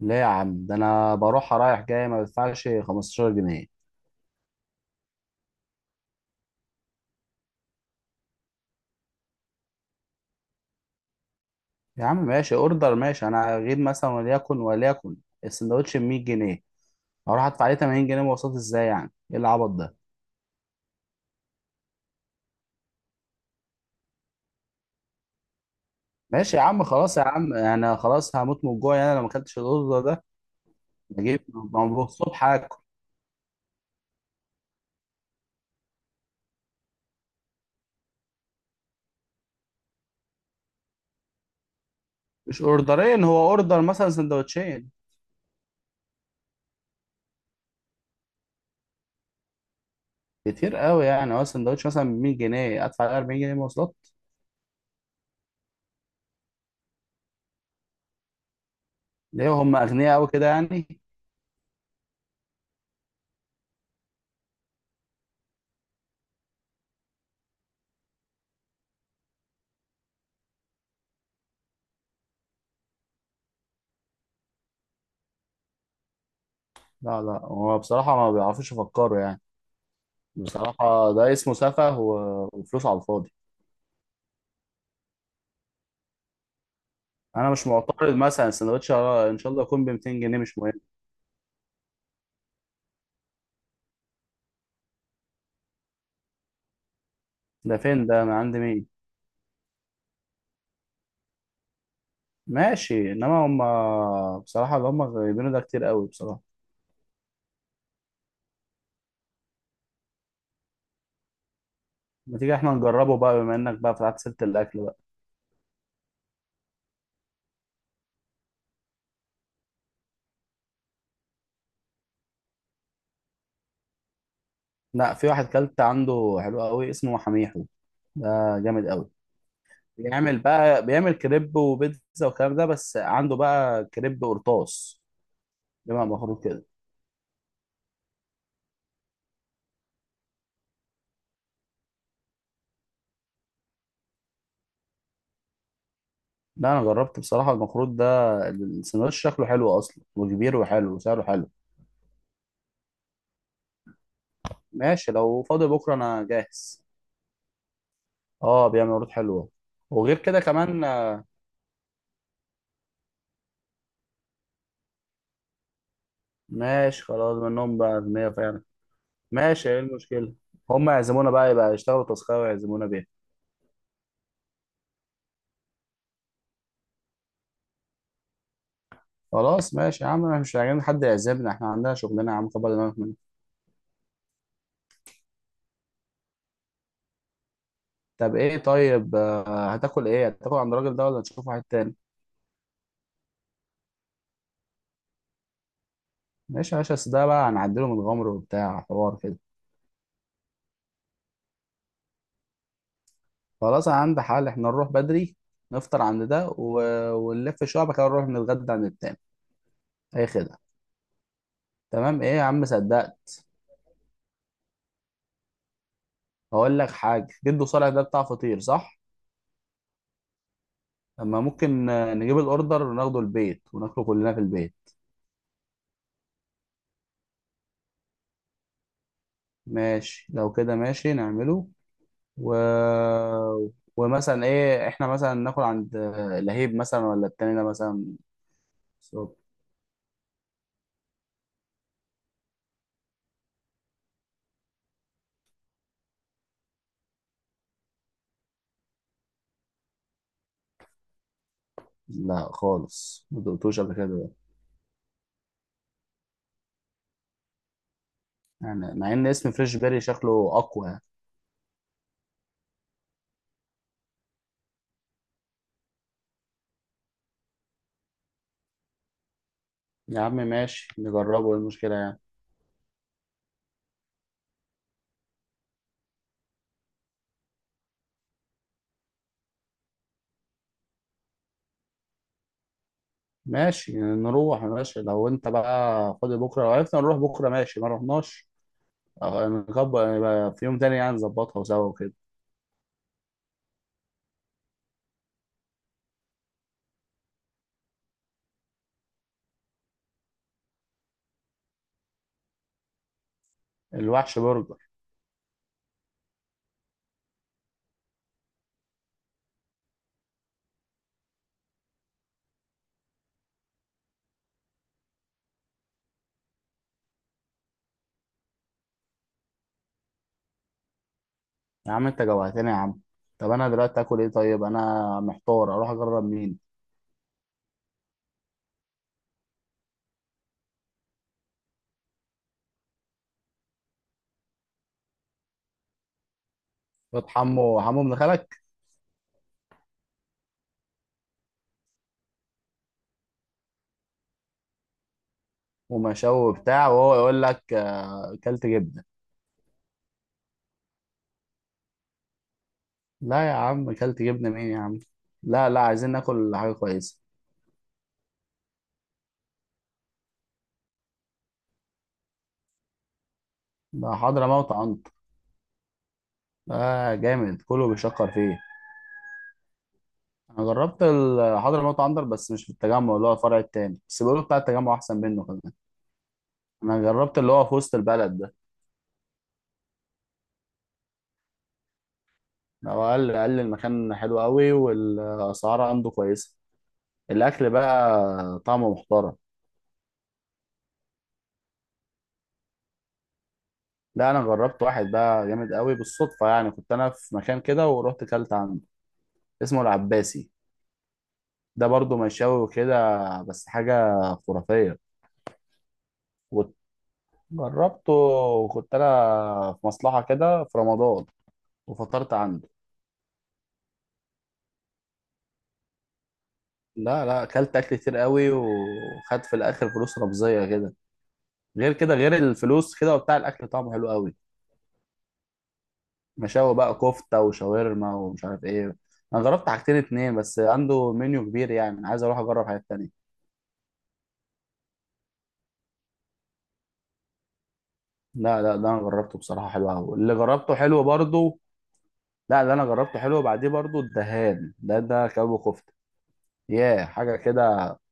لا يا عم، ده انا بروح رايح جاي ما بدفعش 15 جنيه. يا عم ماشي اوردر، ماشي. انا اجيب مثلا، وليكن السندوتش ب 100 جنيه، هروح ادفع عليه 80 جنيه مواصلات؟ ازاي يعني؟ ايه العبط ده؟ ماشي يا عم، خلاص يا عم، انا خلاص هموت من الجوع يعني. انا لو ما اكلتش الاوردر ده بجيب، ما هو الصبح هاكل. مش اوردرين، هو اوردر مثلا، سندوتشين. كتير قوي يعني، هو سندوتش مثلا ب 100 جنيه ادفع عليه 40 جنيه مواصلات؟ ليه؟ هم اغنياء قوي كده يعني؟ لا لا، هو بصراحة ما بيعرفوش يفكروا يعني. بصراحة ده اسمه سفه و- وفلوس على الفاضي. أنا مش معترض، مثلا السندوتش إن شاء الله يكون ب 200 جنيه، مش مهم. ده فين ده؟ من عند مين؟ ماشي. إنما هما بصراحة اللي هما جايبينه ده كتير قوي بصراحة. ما تيجي إحنا نجربه بقى، بما إنك بقى فتحت سيرة الأكل بقى؟ لا، في واحد كلت عنده حلو قوي اسمه حميحو. ده جامد قوي. بيعمل بقى كريب وبيتزا والكلام ده، بس عنده بقى كريب قرطاس، بما مخروط كده. لا انا جربت بصراحه المخروط ده. السندوتش شكله حلو اصلا، وكبير وحلو وسعره حلو. ماشي، لو فاضي بكره انا جاهز. اه بيعمل عروض حلوه. وغير كده كمان ماشي خلاص، منهم بقى اغنياء فعلا. ماشي، ايه المشكله؟ هم يعزمونا بقى، يبقى يشتغلوا تاسكايه ويعزمونا بيها. خلاص ماشي يا عم، احنا مش عايزين حد يعزمنا. احنا عندنا شغلنا يا عم، كبر دماغك منه. طب ايه؟ طيب هتاكل ايه؟ هتاكل عند الراجل ده ولا نشوف واحد تاني؟ ماشي يا باشا، أصل ده بقى هنعدله من غمر وبتاع، حوار كده. خلاص، انا عندي حل. احنا نروح بدري نفطر عند ده ونلف شويه، بعد كده نروح نتغدى عند التاني. اي خدعه؟ تمام. ايه يا عم، صدقت. هقول لك حاجه. جدو صالح ده بتاع فطير صح؟ اما ممكن نجيب الاوردر وناخده البيت وناكله كلنا في البيت. ماشي، لو كده ماشي نعمله و... ومثلا ايه، احنا مثلا ناكل عند لهيب مثلا ولا التاني ده مثلا؟ صوت. لا خالص، ما دقتوش قبل كده ده. يعني مع ان اسم فريش بيري شكله اقوى يعني. يا عم ماشي، نجربه. ايه المشكلة يعني؟ ماشي، نروح ماشي. لو انت بقى فاضي بكرة لو عرفنا نروح بكرة ماشي، ما رحناش اه، نكبر يبقى في يوم تاني يعني، نظبطها سوا وكده. الوحش برجر. يا عم انت جوعتني يا عم. طب انا دلوقتي اكل ايه؟ طيب انا محتار، اروح اجرب مين؟ فات حمو ابن خالك؟ ومشاوي وبتاع، وهو يقول لك اه، كلت جبنة. لا يا عم، كلت جبنة مين يا عم؟ لا لا، عايزين ناكل حاجة كويسة. ده حضرموت عنط؟ اه جامد، كله بيشكر فيه. انا جربت حضرموت عنتر، بس مش في التجمع، اللي هو الفرع التاني، بس بيقولوا بتاع التجمع احسن منه كمان. انا جربت اللي هو في وسط البلد ده. هو قال لي المكان حلو قوي، والاسعار عنده كويسه. الاكل بقى طعمه محترم. لا، انا جربت واحد بقى جامد قوي بالصدفه يعني. كنت انا في مكان كده ورحت كلت عنده. اسمه العباسي. ده برضه مشاوي وكده، بس حاجه خرافيه. وجربته، وكنت انا في مصلحه كده في رمضان وفطرت عنده. لا لا، اكلت اكل كتير قوي وخدت في الاخر فلوس رمزيه كده. غير كده، غير الفلوس كده وبتاع، الاكل طعمه حلو قوي. مشاوي بقى، كفته وشاورما ومش عارف ايه. انا جربت حاجتين اتنين بس، عنده منيو كبير يعني، انا عايز اروح اجرب حاجات تانية. لا لا ده انا جربته بصراحه حلو قوي، اللي جربته حلو برضه. لا، اللي انا جربته حلو. بعديه برضه الدهان، ده كباب وكفته. ياه حاجه كده.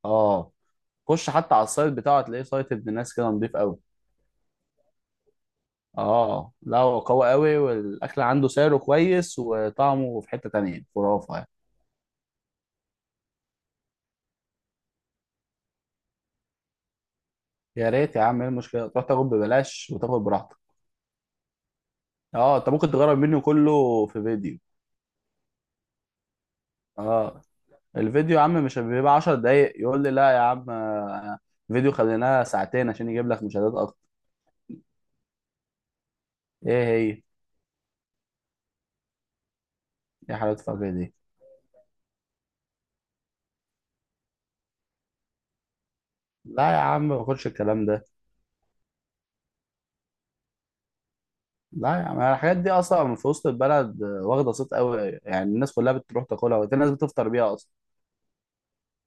اه. خش حتى على السايت بتاعه، تلاقيه سايت ابن ناس كده، نضيف قوي. اه، لا هو قوي قوي، والاكل عنده سعره كويس، وطعمه في حته تانية خرافه يعني. يا ريت يا عم، ايه المشكله؟ تروح تاكل ببلاش وتاكل براحتك. اه، انت ممكن تجرب منه كله في فيديو. اه، الفيديو يا عم مش بيبقى 10 دقايق. يقول لي لا يا عم فيديو خليناه ساعتين عشان يجيب لك مشاهدات اكتر. ايه هي؟ ايه؟ حلاوه الفجر دي؟ لا يا عم، ما باخدش الكلام ده. لا يا عم، الحاجات دي اصلا في وسط البلد واخده صيت قوي يعني. الناس كلها بتروح تاكلها، وفي ناس بتفطر بيها اصلا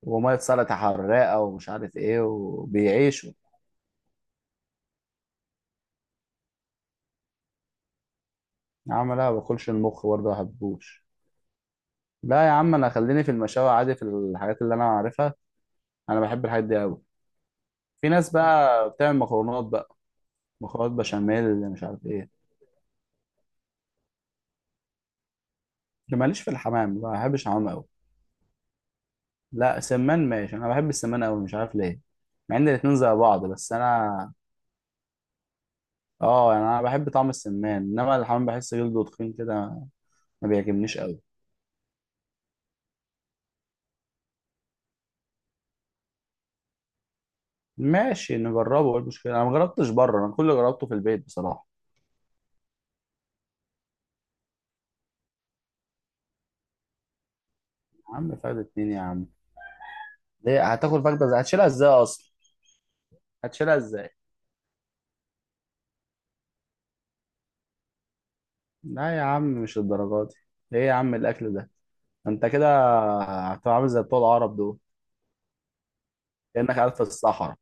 وميه سلطه حراقه ومش عارف ايه، وبيعيشوا. يا عم لا، ما باكلش المخ برضه، ما بحبوش. لا يا عم، انا خليني في المشاوي عادي، في الحاجات اللي انا عارفها. انا بحب الحاجات دي قوي. في ناس بقى بتعمل مكرونات بقى، مكرونات بشاميل اللي مش عارف ايه. اللي ماليش في الحمام، ما بحبش الحمام قوي. لا، سمان ماشي، انا بحب السمان قوي، مش عارف ليه. مع ان الاتنين زي بعض، بس انا اه، يعني انا بحب طعم السمان، انما الحمام بحس جلده تخين كده، ما بيعجبنيش قوي. ماشي نجربه، ايه المشكله؟ انا ما جربتش بره، انا كل اللي جربته في البيت بصراحه. يا عم فايدة اتنين يا عم. ليه هتاكل فايدة؟ ازاي هتشيلها؟ ازاي اصلا هتشيلها ازاي؟ لا يا عم، مش الدرجات دي. ايه يا عم الاكل ده؟ انت كده هتبقى عامل زي بتوع العرب دول، كانك قاعد في الصحراء.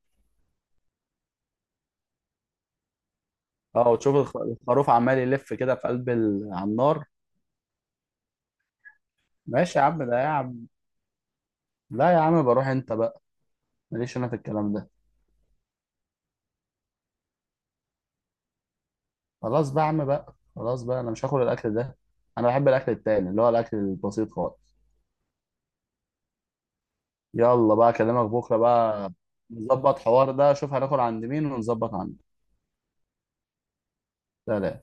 اه، وتشوف الخروف عمال يلف كده في قلب على النار. ماشي يا عم، ده يا عم؟ لا يا عم، بروح انت بقى، ماليش انا في الكلام ده. خلاص بقى يا عم بقى، خلاص بقى، انا مش هاكل الاكل ده. انا بحب الاكل التاني، اللي هو الاكل البسيط خالص. يلا بقى، اكلمك بكره بقى، نظبط حوار ده، شوف هناكل عند مين ونظبط عنده. سلام.